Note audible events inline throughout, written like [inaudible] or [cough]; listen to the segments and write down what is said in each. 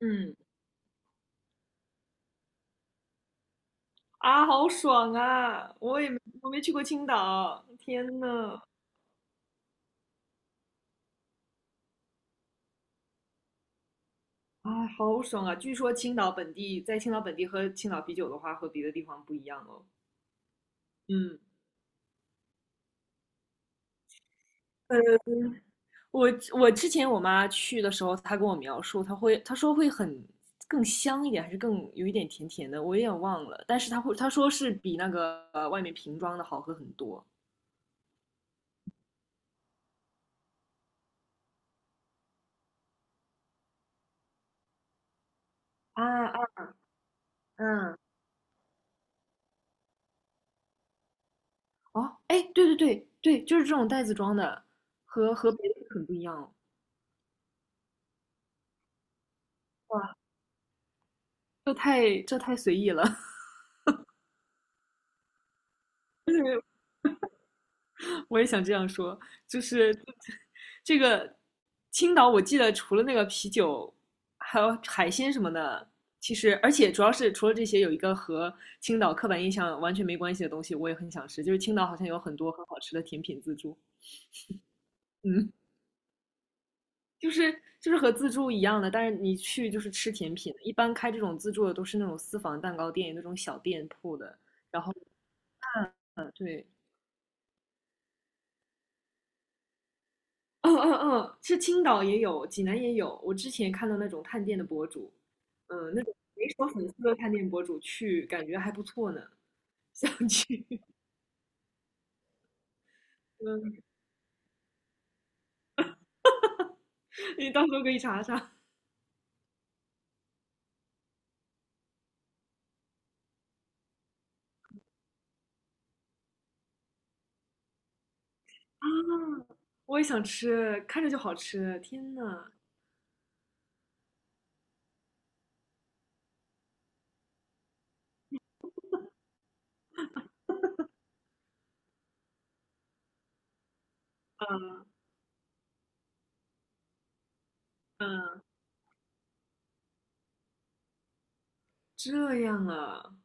嗯，啊，好爽啊！我没去过青岛，天呐，啊，好爽啊！据说青岛本地喝青岛啤酒的话，和别的地方不一样哦。嗯，呃，我我之前我妈去的时候，她跟我描述，她说会很更香一点，还是更有一点甜甜的，我有点忘了。但是她说是比那个外面瓶装的好喝很多。啊啊，嗯，哦，哎，对对对对，就是这种袋子装的，和别的很不一样哦。哇。这太随意了，[laughs] 就是我也想这样说，就是这个青岛，我记得除了那个啤酒，还有海鲜什么的，其实而且主要是除了这些，有一个和青岛刻板印象完全没关系的东西，我也很想吃，就是青岛好像有很多很好吃的甜品自助，嗯，就是就是和自助一样的，但是你去就是吃甜品，一般开这种自助的都是那种私房蛋糕店，那种小店铺的，对。嗯嗯，嗯，是青岛也有，济南也有。我之前看到那种探店的博主，嗯，那种没什么粉丝的探店博主去，感觉还不错呢，想去。[laughs] 嗯，你到时候可以查查。啊，我也想吃，看着就好吃。天呐，嗯，嗯，这样啊。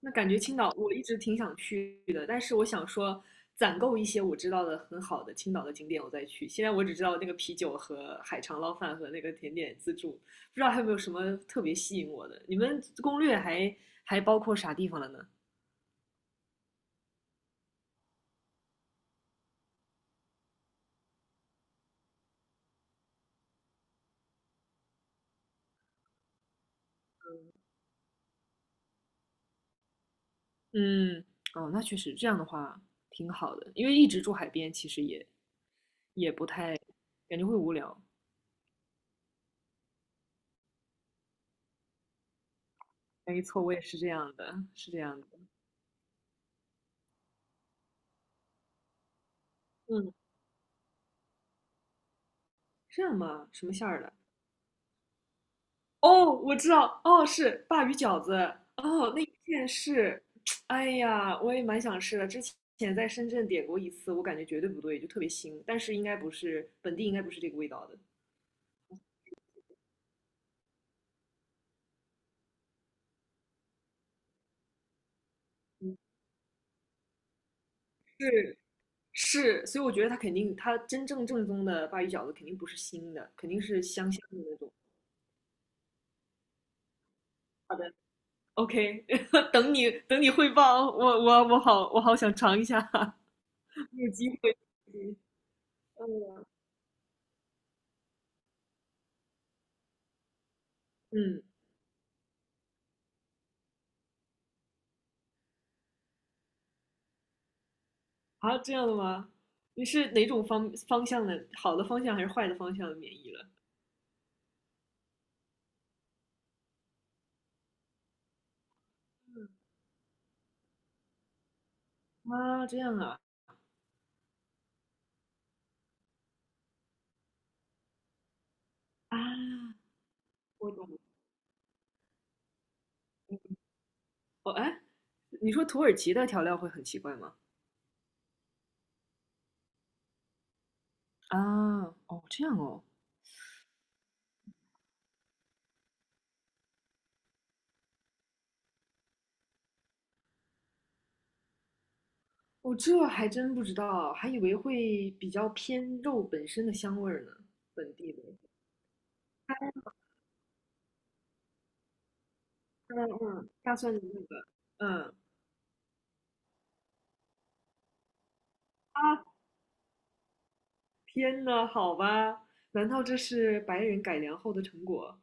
那感觉青岛我一直挺想去的，但是我想说攒够一些我知道的很好的青岛的景点，我再去。现在我只知道那个啤酒和海肠捞饭和那个甜点自助，不知道还有没有什么特别吸引我的。你们攻略还包括啥地方了呢？嗯，哦，那确实这样的话挺好的，因为一直住海边其实也不太感觉会无聊。没错，我也是这样的，是这样的。嗯，这样吗？什么馅儿的？哦，我知道，哦，是鲅鱼饺子，哦，那一片是，[tsk] 哎呀，我也蛮想吃的。之前在深圳点过一次，我感觉绝对不对，就特别腥，但是应该不是本地，应该不是这个味道的。嗯，是，是，所以我觉得它肯定，它真正正宗的鲅鱼饺子肯定不是腥的，肯定是香香的那种。好的，OK,[laughs] 等你汇报，我好想尝一下，[laughs] 有机会，嗯嗯。啊，这样的吗？你是哪种方向的，好的方向还是坏的方向的免疫了？啊，这样啊，啊，我懂了。哦，哎，你说土耳其的调料会很奇怪吗？啊，哦，这样哦，这还真不知道，还以为会比较偏肉本身的香味儿呢，本地的。嗯嗯，大蒜的那个，嗯，啊，天呐，好吧，难道这是白人改良后的成果？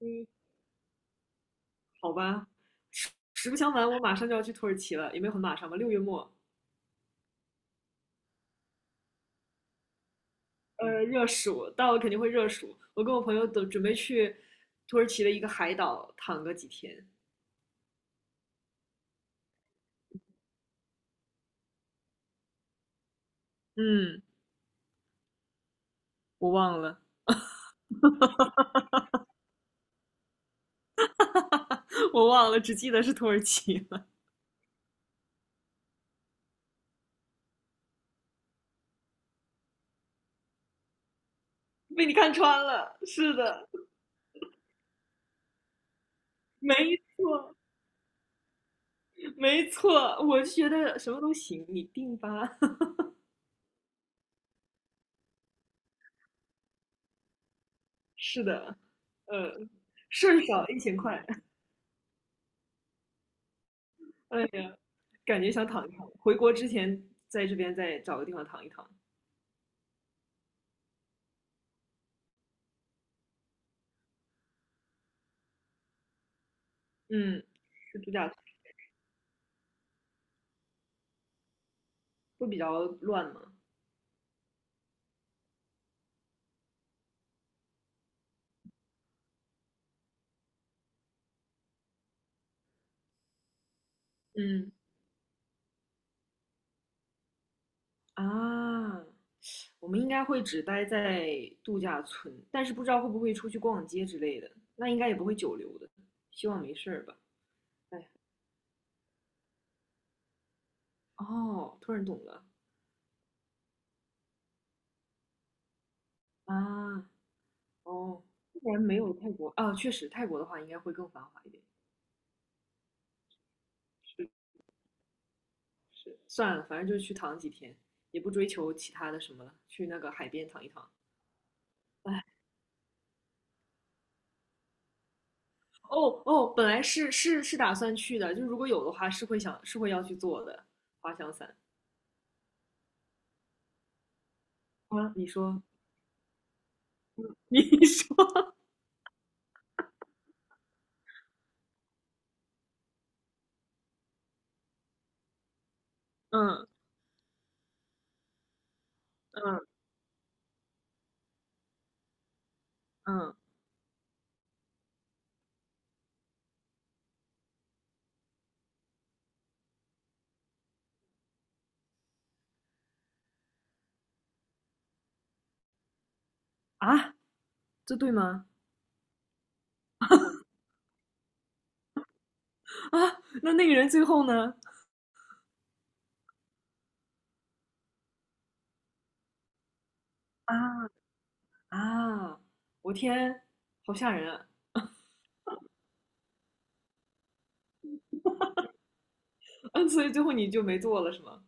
嗯，好吧，实不相瞒，我马上就要去土耳其了，也没有很马上吧，六月末。呃，热暑到了肯定会热暑，我跟我朋友都准备去土耳其的一个海岛躺个几天。嗯，我忘了，[laughs] 我忘了，只记得是土耳其了。被你看穿了，是的，没错，没错，我就觉得什么都行，你定吧。[laughs] 是的，呃，事儿少，1000块。[laughs] 哎呀，感觉想躺一躺，回国之前在这边再找个地方躺一躺。嗯，是度假村。会比较乱吗？嗯，啊，我们应该会只待在度假村，但是不知道会不会出去逛街之类的，那应该也不会久留的，希望没事儿吧。哎，哦，突然懂了。啊，哦，不然没有泰国啊，确实泰国的话应该会更繁华一点。是，是，算了，反正就是去躺几天，也不追求其他的什么了，去那个海边躺一躺。哎，哦哦，本来是打算去的，就如果有的话，是会想是会要去做的。滑翔伞啊，你说， [laughs] 你说，[laughs] 嗯，嗯，嗯，啊，这对吗？啊，那那个人最后呢？啊，啊，我天，好吓人啊。 [laughs]！嗯，所以最后你就没做了是吗？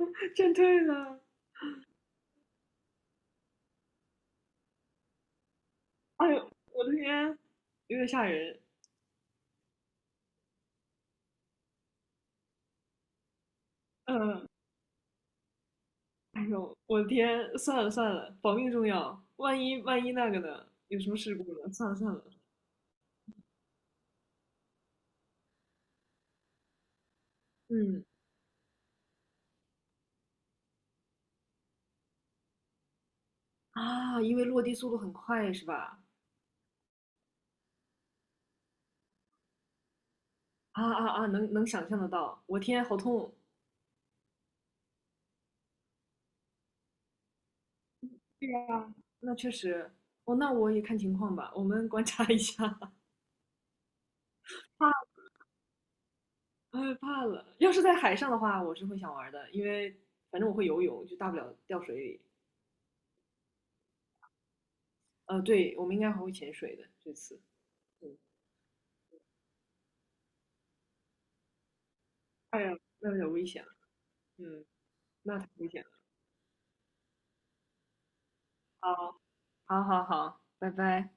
[laughs] 真对了，哎呦，我的天，有点吓人。嗯，哎呦，我的天，算了算了，保命重要，万一那个呢？有什么事故呢？算了算了，嗯。啊，因为落地速度很快是吧？啊啊啊，能想象得到，我天，好痛！对呀，那确实，哦，那我也看情况吧，我们观察一下。[laughs] 怕，哎，怕了。要是在海上的话，我是会想玩的，因为反正我会游泳，就大不了掉水里。呃，对，我们应该还会潜水的这次。嗯，哎呀，那有点危险了。嗯，那太危险了。好，好，好，好，拜拜。